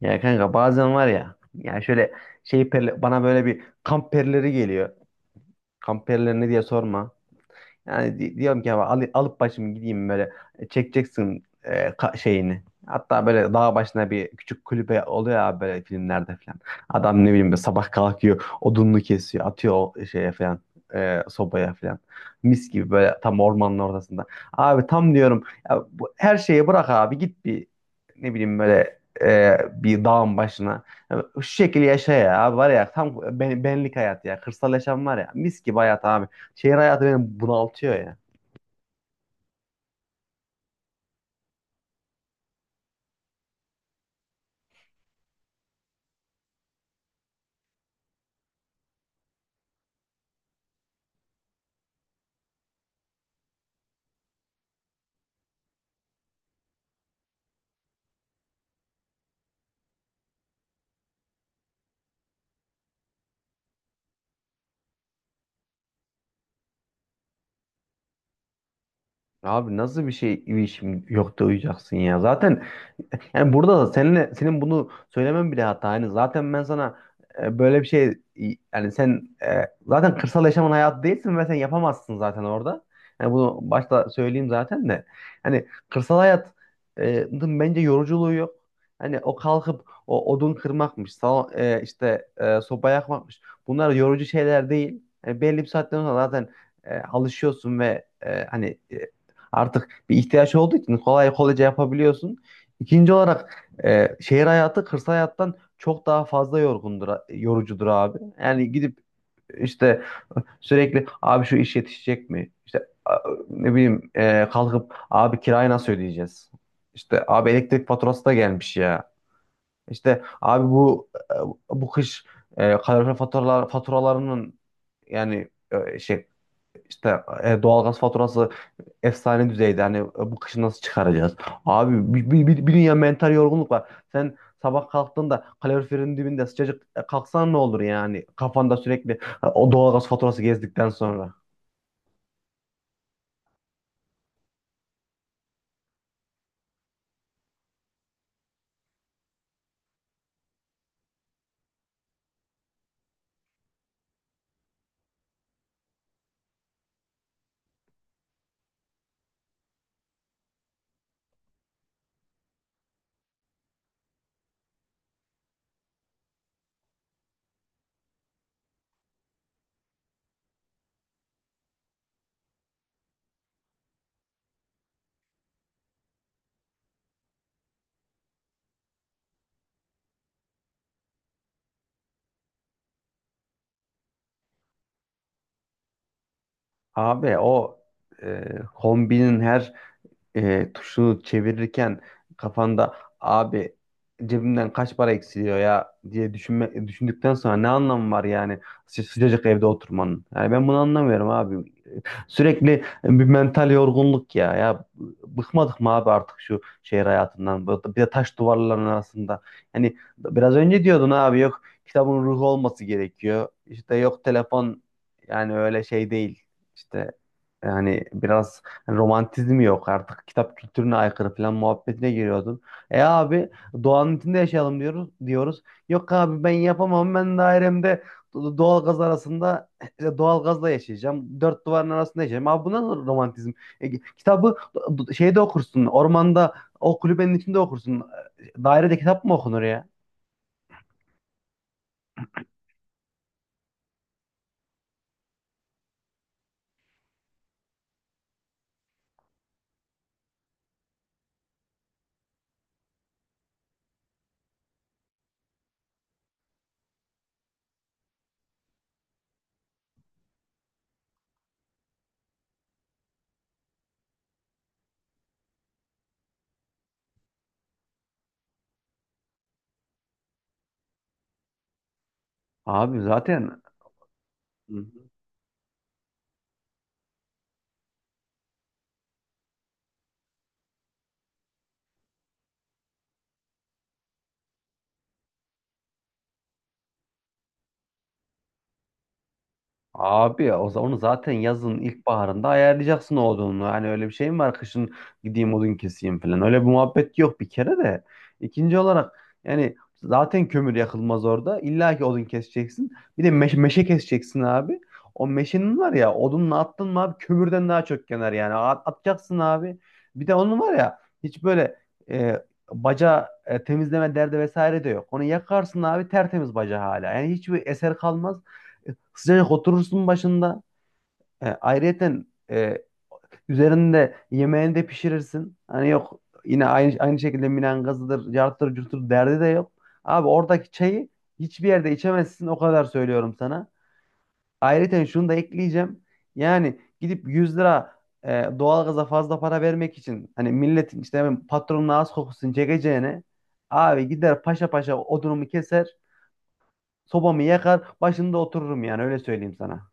Ya kanka bazen var ya yani şöyle bana böyle bir kamp perileri geliyor. Kamp perileri ne diye sorma. Yani diyorum ki ya alıp başımı gideyim böyle çekeceksin şeyini. Hatta böyle dağ başına bir küçük kulübe oluyor ya böyle filmlerde falan. Adam ne bileyim böyle sabah kalkıyor, odununu kesiyor, atıyor o şeye falan, sobaya falan. Mis gibi böyle tam ormanın ortasında. Abi tam diyorum ya bu, her şeyi bırak abi git bir ne bileyim böyle bir dağın başına. Ya şu şekilde yaşa ya abi var ya tam benlik hayat ya. Kırsal yaşam var ya mis gibi hayat abi. Şehir hayatı beni bunaltıyor ya. Abi nasıl bir şey bir işim yok da uyuyacaksın ya. Zaten yani burada da seninle senin bunu söylemen bile hata. Yani zaten ben sana böyle bir şey yani sen zaten kırsal yaşamın hayatı değilsin ve sen yapamazsın zaten orada. Yani bunu başta söyleyeyim zaten de. Hani kırsal hayat e, dın bence yoruculuğu yok. Hani o kalkıp o odun kırmakmış, işte sopa yakmakmış. Bunlar yorucu şeyler değil. Yani belli bir saatten sonra zaten alışıyorsun ve hani artık bir ihtiyaç olduğu için kolay kolayca yapabiliyorsun. İkinci olarak şehir hayatı kırsal hayattan çok daha fazla yorgundur, yorucudur abi. Yani gidip işte sürekli abi şu iş yetişecek mi? İşte ne bileyim kalkıp abi kirayı nasıl ödeyeceğiz? İşte abi elektrik faturası da gelmiş ya. İşte abi bu bu kış kalorifer faturalarının yani işte doğalgaz faturası efsane düzeyde. Hani bu kışı nasıl çıkaracağız? Abi bir dünya mental yorgunluk var. Sen sabah kalktığında kaloriferin dibinde sıcacık kalksan ne olur yani? Kafanda sürekli o doğalgaz faturası gezdikten sonra. Abi o kombinin her tuşunu çevirirken kafanda abi cebimden kaç para eksiliyor ya diye düşünme, düşündükten sonra ne anlamı var yani sıcacık evde oturmanın? Yani ben bunu anlamıyorum abi. Sürekli bir mental yorgunluk ya. Ya bıkmadık mı abi artık şu şehir hayatından? Bir de taş duvarların arasında. Yani biraz önce diyordun abi yok kitabın ruhu olması gerekiyor. İşte yok telefon yani öyle şey değil. İşte yani biraz romantizmi yok artık. Kitap kültürüne aykırı falan muhabbetine giriyordun. Abi, doğanın içinde yaşayalım diyoruz diyoruz. Yok abi ben yapamam. Ben dairemde doğalgaz arasında işte doğalgazla yaşayacağım. Dört duvarın arasında yaşayacağım. Abi bu nasıl romantizm? E, Kitabı şeyde okursun. Ormanda o kulübenin içinde okursun. Dairede kitap mı okunur ya? Abi zaten. Hı. Abi ya, o onu zaten yazın ilkbaharında ayarlayacaksın o odununu. Hani öyle bir şey mi var kışın gideyim odun keseyim falan. Öyle bir muhabbet yok bir kere de. İkinci olarak yani zaten kömür yakılmaz orada. İlla ki odun keseceksin. Bir de meşe keseceksin abi. O meşenin var ya odunla attın mı abi kömürden daha çok yanar yani. Atacaksın abi. Bir de onun var ya hiç böyle e, baca temizleme derdi vesaire de yok. Onu yakarsın abi tertemiz baca hala. Yani hiçbir eser kalmaz. Sıcacık oturursun başında. Ayrıyeten e, üzerinde yemeğini de pişirirsin. Hani yok yine aynı şekilde minangazıdır, cartır curtur derdi de yok. Abi oradaki çayı hiçbir yerde içemezsin o kadar söylüyorum sana. Ayrıyeten şunu da ekleyeceğim. Yani gidip 100 lira e, doğalgaza fazla para vermek için hani milletin işte hemen patronun ağız kokusunu çekeceğine abi gider paşa paşa odunumu keser, sobamı yakar, başında otururum yani öyle söyleyeyim sana.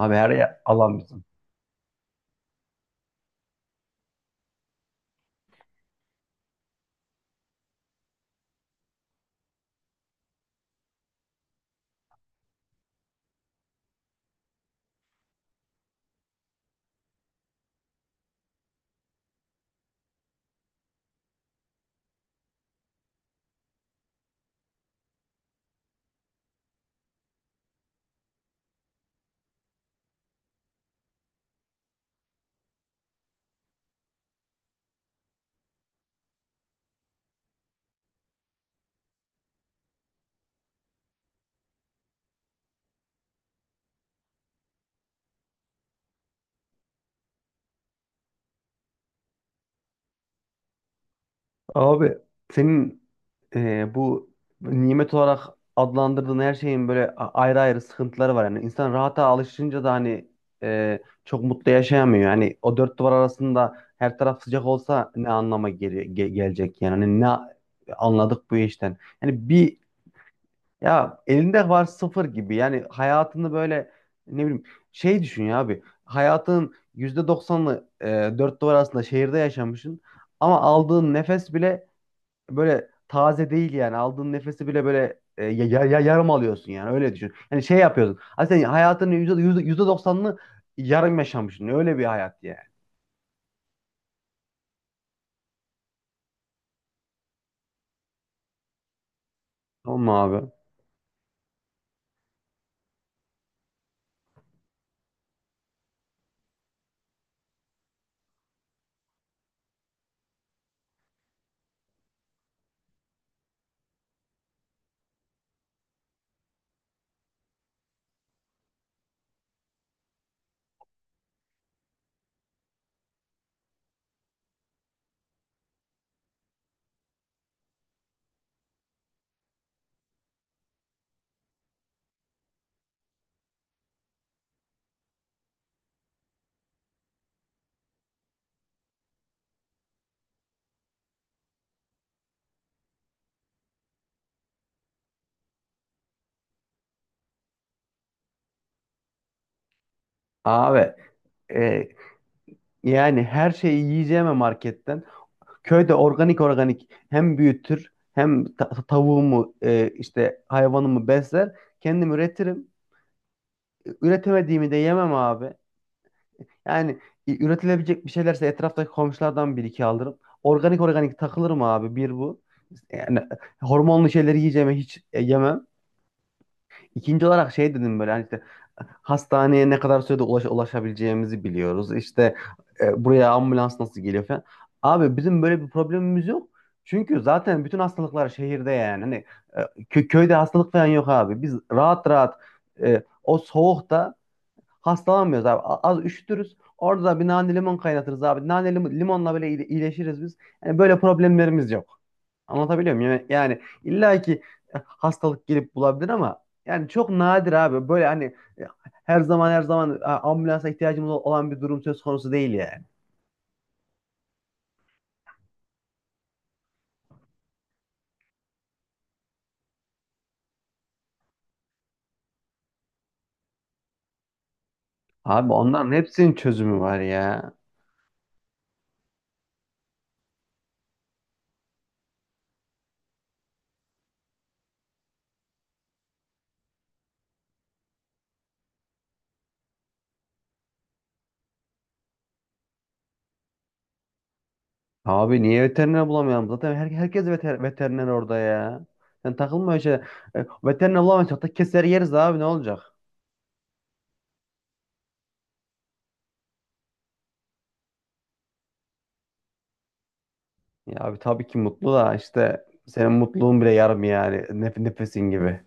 Abi her yer alan. Abi senin bu nimet olarak adlandırdığın her şeyin böyle ayrı ayrı sıkıntıları var. Yani insan rahata alışınca da hani e, çok mutlu yaşayamıyor. Yani o dört duvar arasında her taraf sıcak olsa ne anlama gelecek yani. Hani ne anladık bu işten. Yani bir ya elinde var sıfır gibi yani hayatını böyle ne bileyim şey düşün ya abi hayatın %90'ını dört duvar arasında şehirde yaşamışsın ama aldığın nefes bile böyle taze değil yani. Aldığın nefesi bile böyle yarım alıyorsun yani. Öyle düşün. Yani şey yapıyorsun. Hani sen hayatının %90'ını yarım yaşamışsın. Öyle bir hayat yani. Tamam mı abi? Abi e, yani her şeyi yiyeceğime marketten. Köyde organik organik hem büyütür hem tavuğumu işte hayvanımı besler. Kendim üretirim. Üretemediğimi de yemem abi. Yani üretilebilecek bir şeylerse etraftaki komşulardan bir iki alırım. Organik organik takılırım abi bir bu. Yani hormonlu şeyleri yiyeceğime hiç yemem. İkinci olarak şey dedim böyle hani işte hastaneye ne kadar sürede ulaşabileceğimizi biliyoruz. İşte buraya ambulans nasıl geliyor falan. Abi bizim böyle bir problemimiz yok. Çünkü zaten bütün hastalıklar şehirde yani. Hani köyde hastalık falan yok abi. Biz rahat rahat o soğukta hastalanmıyoruz abi. Az üşütürüz. Orada da bir nane limon kaynatırız abi. Nane limonla böyle iyileşiriz biz. Yani böyle problemlerimiz yok. Anlatabiliyor muyum? Yani illa ki hastalık gelip bulabilir ama yani çok nadir abi. Böyle hani e, her zaman her zaman ambulansa ihtiyacımız olan bir durum söz konusu değil yani. Abi onların hepsinin çözümü var ya. Abi niye veteriner bulamayalım? Zaten herkes veteriner orada ya. Sen takılma öyle şey. Veteriner bulamayız. Hatta keser yeriz abi ne olacak? Ya abi tabii ki mutlu da işte senin mutluluğun bile yarım yani nefesin gibi.